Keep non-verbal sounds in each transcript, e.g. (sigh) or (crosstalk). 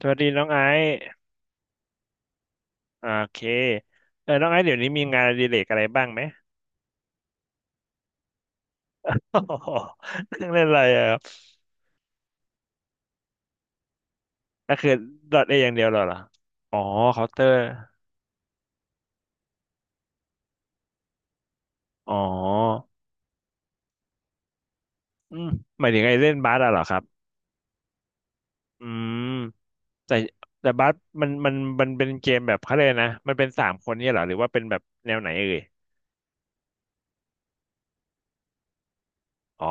สวัสดีน้องไอซ์โอเคน้องไอซ์เดี๋ยวนี้มีงานอดิเรกอะไรบ้างไหม (laughs) โอ้โห (laughs) นั่งเล่นอะไรอ่ะครับก็คือดอทย่างเดียวเหรอเหรออ๋อเคาน์เตอร์อ๋ออืมหมายถึงไอ้เล่นบาสอะเหรอครับอืมแต่แต่บาสมันมันเป็นเกมแบบเขาเลยกนะมันเป็นสามคนเนี่ยเหรอหรือว่าเป็นแบบแนวไหนเอ่ยอ๋อ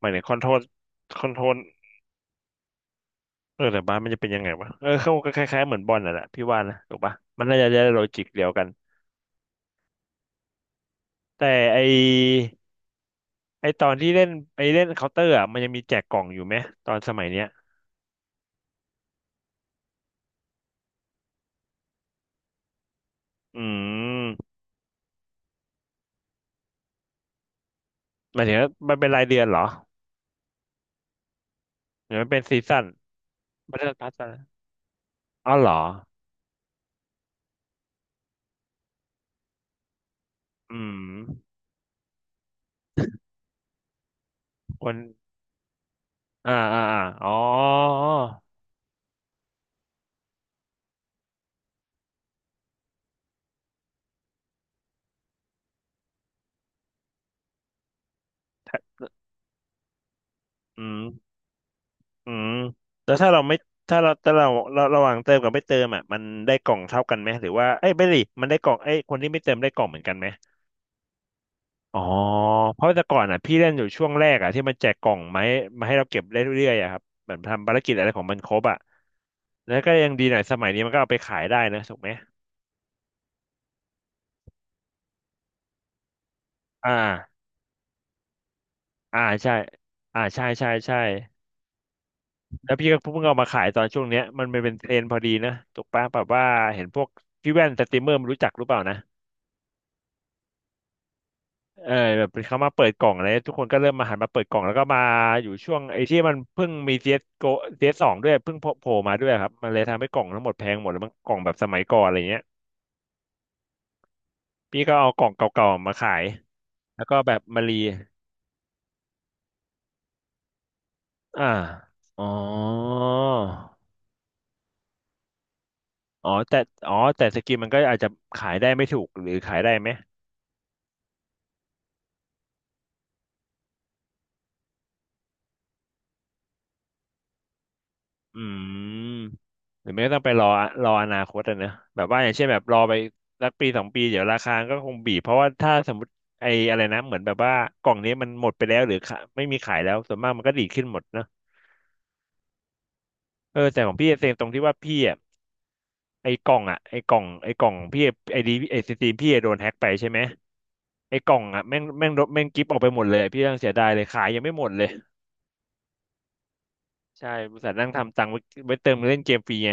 หมายถึงคอนโทรลคอนโทรลแต่บาสมันจะเป็นยังไงวะเขาก็คล้ายๆเหมือนบอลน่ะแหละพี่ว่านะถูกปะมันน่าจะได้โลจิกเดียวกันแต่ไอ ไอตอนที่เล่นไอเล่นเคาน์เตอร์อ่ะมันยังมีแจกกล่องอยู่ไหมตอนสมัยเนี้ยอืมหมายถึงว่ามันเป็นรายเดือนเหรอหรือมันเป็นซีซั่นมันเป็นพาร์ทซั่นอ๋อเหรออืมคนอ่าอ่าอาอ๋อถ้าอืมอืมแล้วถ้าเราไม่ถ้าเราเราระหว่างเติมกับไม่เติมอ่ะมันได้กล่องเท่ากันไหมหรือว่าเอ้ยไม่ดิมันได้กล่องไอ้ยคนที่ไม่เติมได้กล่องเหมือนกันไหม อ๋อเพราะแต่ก่อนอ่ะพี่เล่นอยู่ช่วงแรกอ่ะที่มันแจกกล่องไม้มาให้เราเก็บได้เรื่อยๆอ่ะครับเหมือนทำภารกิจอะไรของมันครบอ่ะแล้วก็ยังดีหน่อยสมัยนี้มันก็เอาไปขายได้นะถูกไหมอ่าอ่าใช่อ่าใช่ใช่ใช่แล้วพี่ก็เพิ่งเอามาขายตอนช่วงเนี้ยมันเป็นเทรนด์พอดีนะถูกปะแบบว่าเห็นพวกพี่แว่นสตรีมเมอร์มันรู้จักหรือเปล่านะ แบบเขามาเปิดกล่องอะไรทุกคนก็เริ่มมาหันมาเปิดกล่องแล้วก็มาอยู่ช่วงไอ้ที่มันเพิ่งมี CS Go CS สโกซีเอสสองด้วยเพิ่งโผล่มาด้วยครับมันเลยทำให้กล่องทั้งหมดแพงหมดแล้วมันกล่องแบบสมัยก่อนอะไรเงี้ยพี่ก็เอากล่องเก่าๆมาขายแล้วก็แบบมารีอ่าอ๋ออ๋อแต่อ๋อแต่สกินมันก็อาจจะขายได้ไม่ถูกหรือขายได้ไหม อืมหรือไม่ก็ต้องไปรอรออนาคตอะเนอะแบบว่าอย่างเช่นแบบรอไปสักปีสองปีเดี๋ยวราคาก็คงบีบเพราะว่าถ้าสมมติไอ้อะไรนะเหมือนแบบว่ากล่องนี้มันหมดไปแล้วหรือขาไม่มีขายแล้วส่วนมากมันก็ดีดขึ้นหมดเนอะแต่ของพี่เซ็งตรงที่ว่าพี่อะไอ้กล่องพี่ไอ้ดีไอ้ซีซีพี่อะโดนแฮ็กไปใช่ไหมไอ้กล่องอะแม่งแม่งลบแม่งกิฟต์ออกไปหมดเลยพี่ยังเสียดายเลยขายยังไม่หมดเลยใช่บริษัทนั่งทำตังค์ไว้ไว้เติมเล่นเกมฟรีไง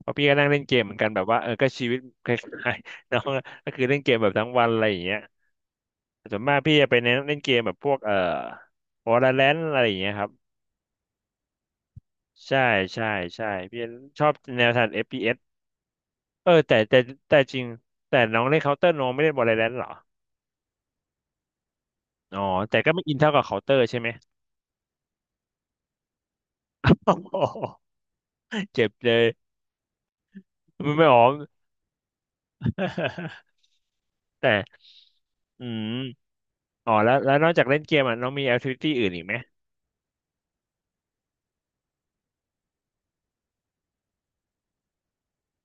เพราะพี่ก็นั่งเล่นเกมเหมือนกันแบบว่าก็ชีวิตคล้ายๆ (laughs) น้องก็คือเล่นเกมแบบทั้งวันอะไรอย่างเงี้ยส่วนมากพี่จะไปเน้นเล่นเกมแบบพวกValorant อะไรอย่างเงี้ยครับใช่ใช่ใช่พี่ชอบแนวทาง FPS เอสเออแต่แต่แต่จริงแต่น้องเล่นเคาน o u ต t ร์น้องไม่เล่น Valorant เหรออ๋อแต่ก็ไม่อินเท่ากับเคาน o เ n อร์ใช่ไหมโอ้โห (laughs) เจ็บเลยมันไม่ออก (laughs) แต่อืมอ๋อแล้วแล้วนอกจากเล่นเกมอ่ะน้องมีแอคทิวิตี้อื่นอีกไหม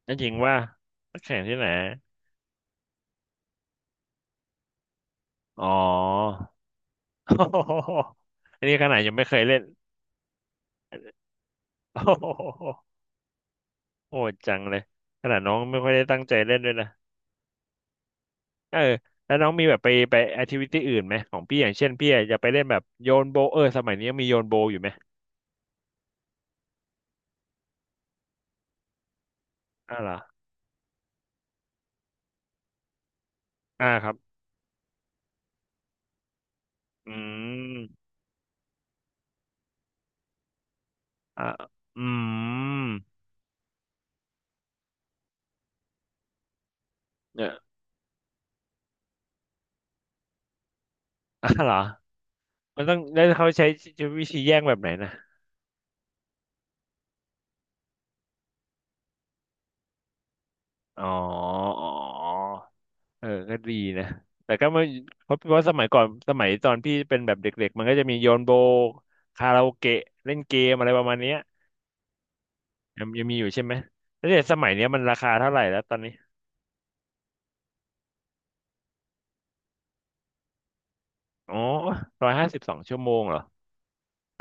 นั่นจริงว่าแข่งที่ไหน อ๋อ (laughs) อันนี้ขนาดยังไม่เคยเล่น (laughs) โอ้โหโหดจังเลยขนาดน้องไม่ค่อยได้ตั้งใจเล่นด้วยนะเออ แล้วน้องมีแบบไปไปแอคทิวิตี้อื่นไหมของพี่อย่างเช่นพี่อาจจะไปเล่นแบบโยนโบว์สมัยนี้ยังมีโยนโบว์อยู่ไหมอ่าวเหรออ่าครับอืมอ่าอืมเนี่ย (laughs) อ่าวเหรอมันต้องแล้วเขาใช้วิธีแย่งแบบไหนนะอ๋อ ก็ดีนะ แต่ก็ไม่เพราะเพราะสมัยก่อนสมัยตอนพี่เป็นแบบเด็กๆมันก็จะมีโยนโบคาราโอเกะเล่นเกมอะไรประมาณเนี้ยยังยังมีอยู่ใช่ไหมแล้วเดี๋ยวสมัยเนี้ยมันราคาเท่าไหร่แล้วตอนนี้อ๋อ1502 ชั่วโมงเหรอ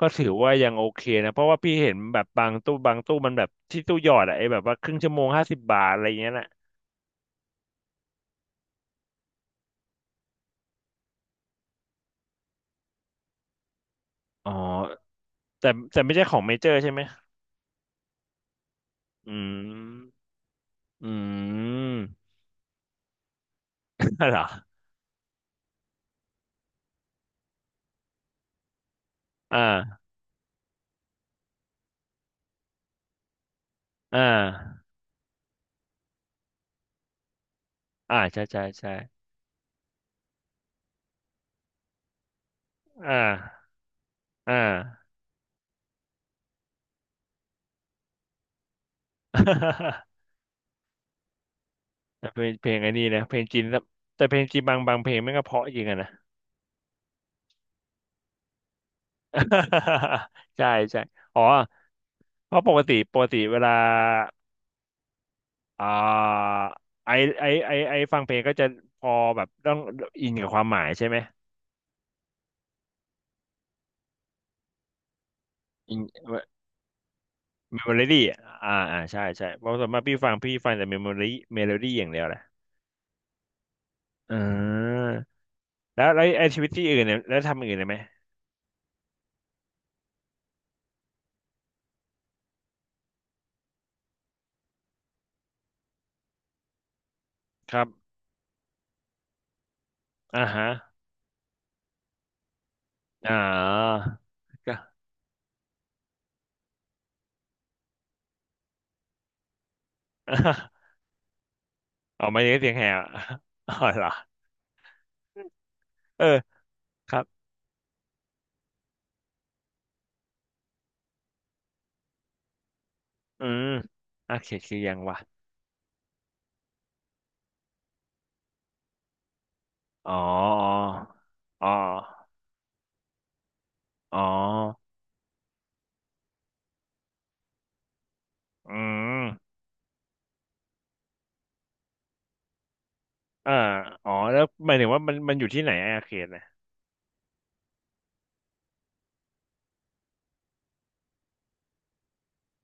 ก็ถือว่ายังโอเคนะเพราะว่าพี่เห็นแบบบางตู้บางตู้มันแบบที่ตู้หยอดอะไอ้แบบว่าครึ่งชั่วโมง50 บาทอะไรอย่างเงี้ยน่ะอ๋อแต่ไม่ใช่ของเมเจอร์ใช่ไหมอืมอืม (laughs) อะไรเหรออ่าอ่าอ่าใช่ใช่ใช่ อ่าอ่า (laughs) แต่เป็นเพลงไอ้นี่นะเพลงจีนแล้วแต่เพลงจีนบางเพลงมันก็เพราะจริงอะนะ (laughs) ใช่ใช่อ๋อเพราะปกติเวลาอ่าไอไอฟังเพลงก็จะพอแบบต้องอินกับความหมายใช่ไหมอินเมโมรี่อ่าใช่ใช่เพราะส่วนมากพี่ฟังแต่เมโมรี่เมโลดี้อย่างเดียวแหละอ่าแล้วไอชีวิตที่อื่นเนี่ยแล้วทำอย่างอื่นได้ไหมครับอ่าฮะอ่า (laughs) เอาไม่ได้เสียงแหบ (laughs) อะอ๋อเหรอเออครับอืมโอเคคือยังวะอ๋ออ๋ออ๋ออืมอ่าอ๋อแล้วหมายถึงว่ามันอยู่ที่ไหนอะอาเขตนะ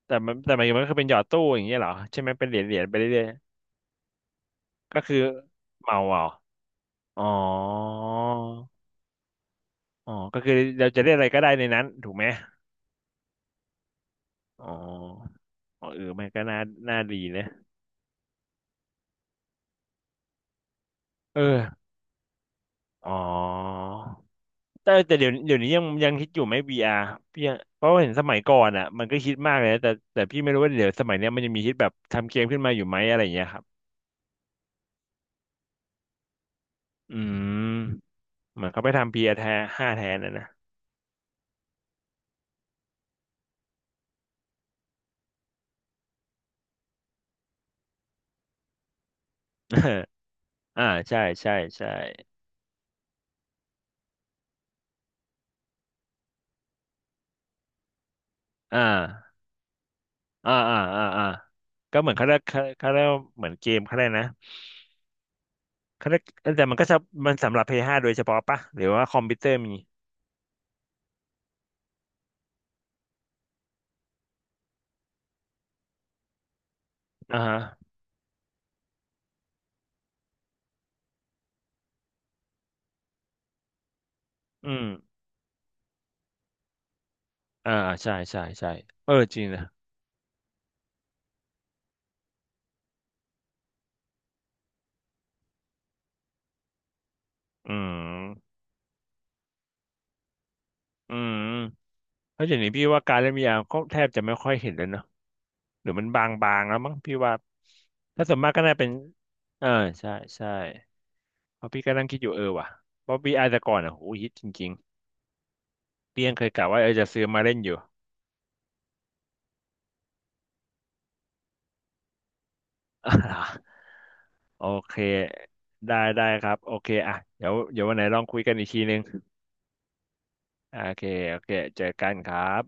แต่หมายถึงมันคือเป็นหยอดตู้อย่างเงี้ยเหรอใช่ไหมเป็นเหรียญไปเรื่อยๆก็คือเมาเอาอ๋ออ๋อก็คือเราจะได้อะไรก็ได้ในนั้นถูกไหมอ๋ออ๋อเออมันก็น่าน่าดีนะเอออ๋อ แต่เดี๋ยวนี้ยังคิดอยู่ไหม VR พี่อะเพราะว่าเห็นสมัยก่อนอ่ะมันก็คิดมากเลยนะแต่พี่ไม่รู้ว่าเดี๋ยวสมัยเนี้ยมันยังมีคิดแบบทำเกมขึ้นมาอยู่ไหมอะไรอย่างเงี้ยครับอืมเหมือนเขาไปทำ VR แทนห้าแทนนะ (laughs) เอออ่าใช่ใช่ใช่อ่าอ่าอ่าอ่าอ่าก็เหมือนเขาเรียกเขาเรียกว่าเหมือนเกมเขาเรียกนะเขาเรียกแต่มันก็จะมันสำหรับ p ้5โดยเฉพาะปะหรือว่าคอมพิวเตอร์มีอ่าฮะอืมอ่าใช่ใช่ใช่เออจริงนะอืมอืม แล้วอย่างนี้พี่ว่าการเล่น VR ก็แทบจะไม่ค่อยเห็นเลยเนอะหรือมันบางๆแล้วมั้งพี่ว่าถ้าส่วนมากก็น่าเป็นเออใช่ใช่เพราะพี่ก็นั่งคิดอยู่เออว่ะเพราะ VR แต่ก่อนอ่ะโหฮิตจริงๆเพียงเคยกะว่าเออจะซื้อมาเล่นอยู่ (laughs) อ่าโอเคได้ครับโอเคอ่ะเดี๋ยววันไหนลองคุยกันอีกทีนึงอ่าโอเคโอเคเจอกันครับ